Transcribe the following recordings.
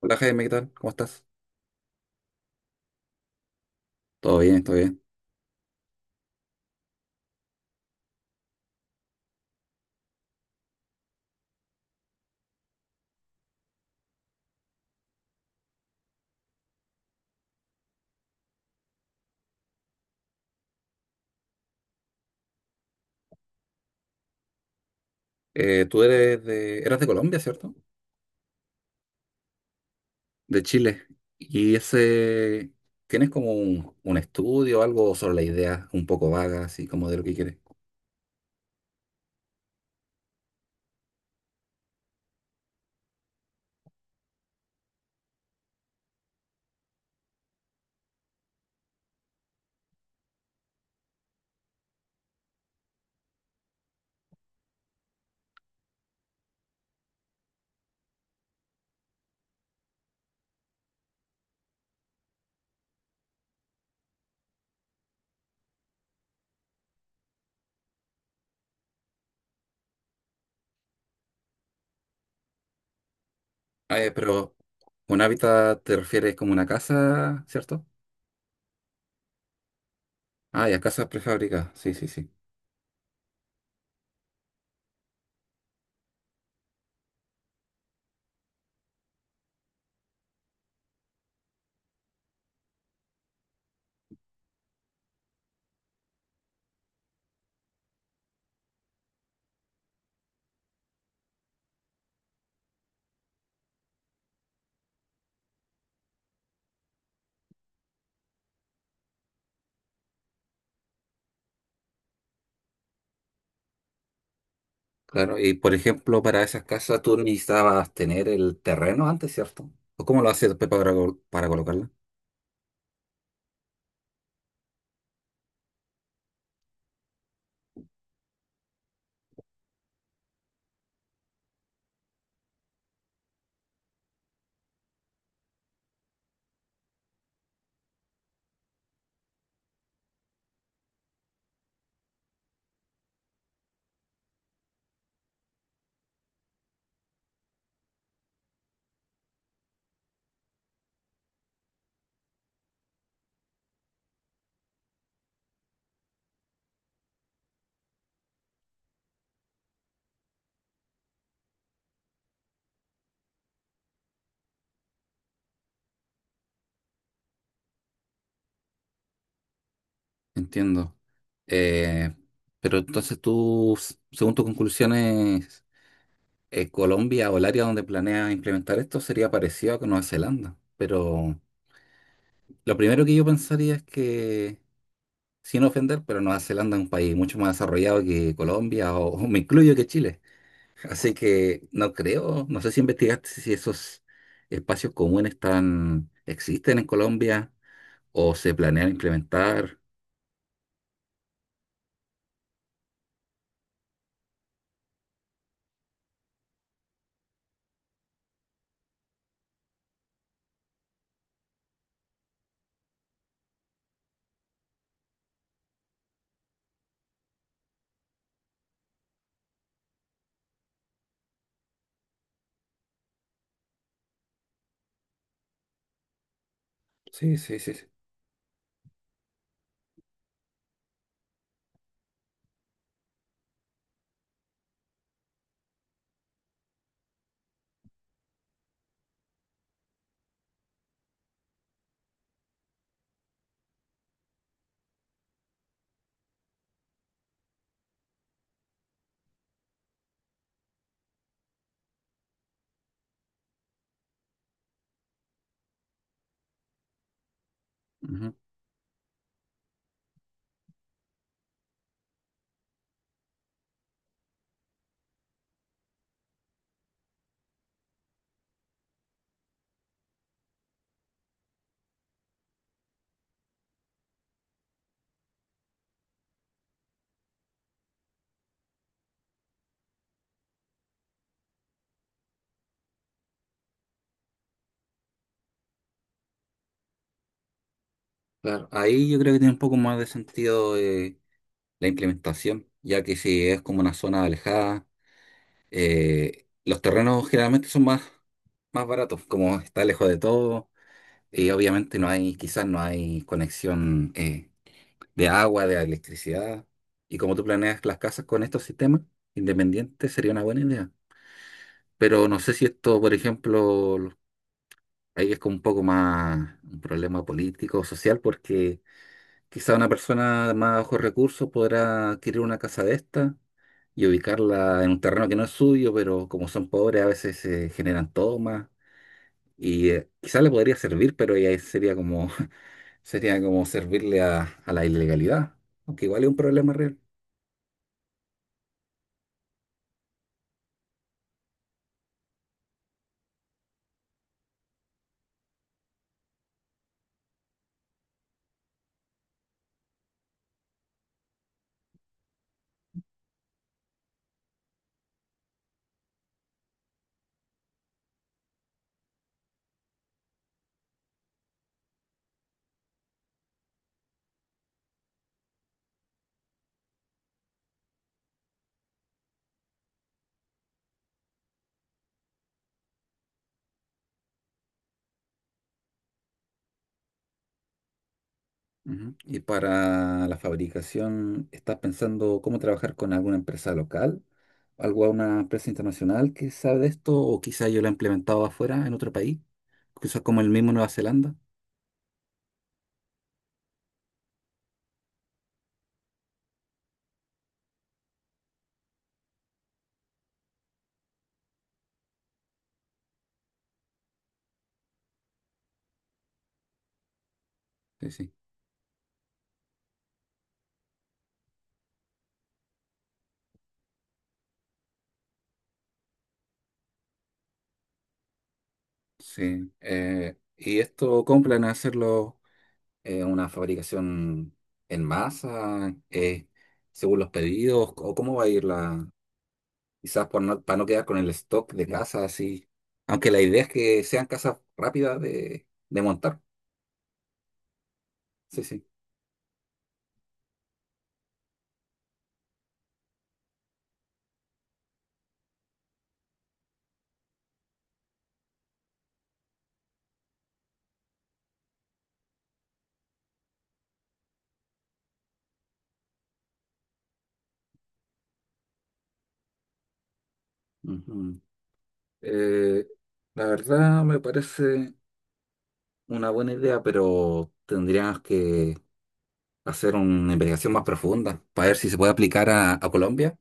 Hola Jaime, ¿qué tal? ¿Cómo estás? Todo bien, todo bien. Tú eres eras de Colombia, ¿cierto? De Chile. ¿Y ese, tienes como un estudio, algo sobre la idea un poco vaga, así como de lo que quieres? Ah, pero un hábitat te refieres como una casa, ¿cierto? Ah, ya, casas prefabricadas. Sí, sí, sí. Claro. Y por ejemplo, para esas casas tú necesitabas tener el terreno antes, ¿cierto? ¿O cómo lo haces después para, para colocarla? Entiendo. Eh, pero entonces tú, según tus conclusiones, Colombia o el área donde planeas implementar esto sería parecido a con Nueva Zelanda. Pero lo primero que yo pensaría es que, sin ofender, pero Nueva Zelanda es un país mucho más desarrollado que Colombia o me incluyo que Chile. Así que no creo, no sé si investigaste si esos espacios comunes están, existen en Colombia o se planean implementar. Sí, sí, sí. Sí. Claro, ahí yo creo que tiene un poco más de sentido la implementación, ya que si es como una zona alejada, los terrenos generalmente son más, más baratos, como está lejos de todo, y obviamente no hay, quizás no hay conexión de agua, de electricidad, y como tú planeas las casas con estos sistemas independientes sería una buena idea. Pero no sé si esto, por ejemplo, ahí es como un poco más un problema político o social, porque quizá una persona de más bajos recursos podrá adquirir una casa de esta y ubicarla en un terreno que no es suyo, pero como son pobres a veces se generan tomas y quizá le podría servir, pero ya sería como, sería como servirle a la ilegalidad, aunque igual es un problema real. Ujú. Y para la fabricación, ¿estás pensando cómo trabajar con alguna empresa local? ¿Alguna empresa internacional que sabe de esto? ¿O quizá yo la he implementado afuera, en otro país? Quizás como el mismo Nueva Zelanda. Sí, sí. Sí, y esto compran a hacerlo una fabricación en masa, según los pedidos, o cómo va a ir la, quizás por no, para no quedar con el stock de casas así, aunque la idea es que sean casas rápidas de montar. Sí, sí. Ujú. Eh, la verdad me parece una buena idea, pero tendríamos que hacer una investigación más profunda para ver si se puede aplicar a Colombia.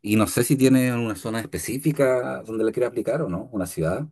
Y no sé si tiene una zona específica donde le quiere aplicar o no, una ciudad.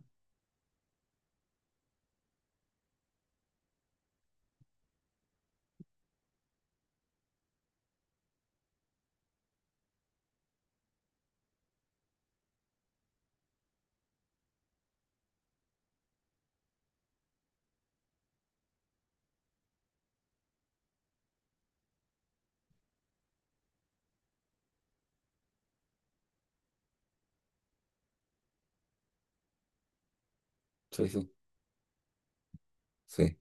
Sí, sí, sí.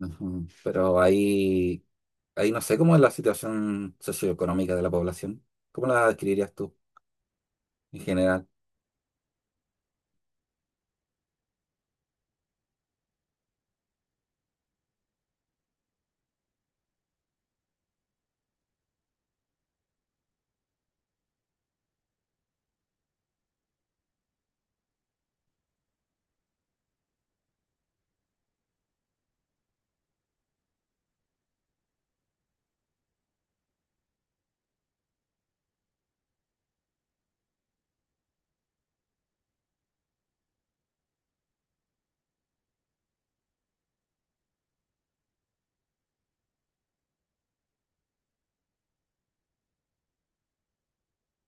Ujú. Pero ahí, ahí no sé cómo es la situación socioeconómica de la población. ¿Cómo la describirías tú en general?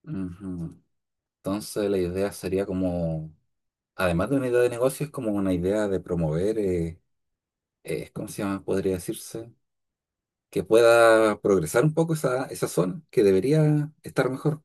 Ujú. Entonces la idea sería como, además de una idea de negocio, es como una idea de promover, ¿cómo se llama? Podría decirse, que pueda progresar un poco esa, esa zona, que debería estar mejor.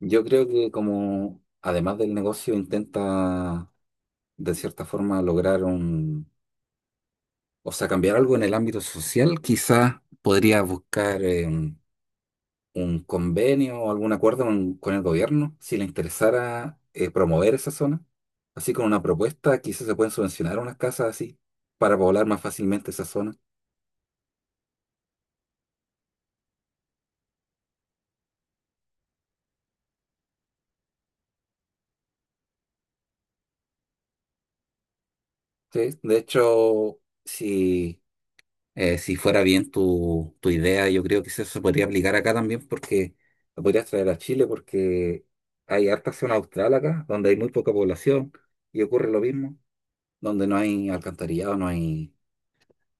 Yo creo que como, además del negocio, intenta de cierta forma lograr un, o sea, cambiar algo en el ámbito social, quizás podría buscar un convenio o algún acuerdo con el gobierno, si le interesara promover esa zona. Así con una propuesta, quizás se pueden subvencionar unas casas así para poblar más fácilmente esa zona. Sí, de hecho, si si fuera bien tu, tu idea, yo creo que eso se podría aplicar acá también porque lo podrías traer a Chile porque hay harta zona austral acá, donde hay muy poca población y ocurre lo mismo, donde no hay alcantarillado, no hay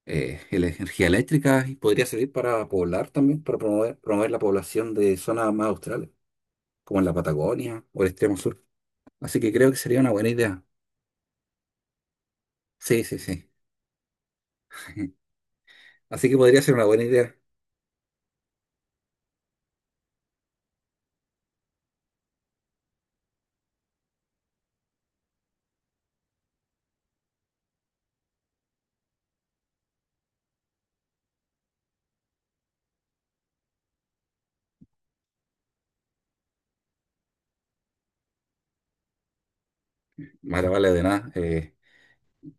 energía eléctrica y podría servir para poblar también, para promover, promover la población de zonas más australes, como en la Patagonia o el extremo sur. Así que creo que sería una buena idea. Sí, sí, sí. Así que podría ser una buena idea. Vale, vale, de nada.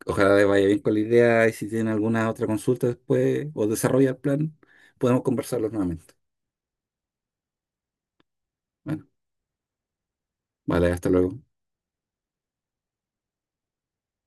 Ojalá les vaya bien con la idea y si tienen alguna otra consulta después o desarrolla el plan, podemos conversarlo nuevamente. Bueno, vale, hasta luego.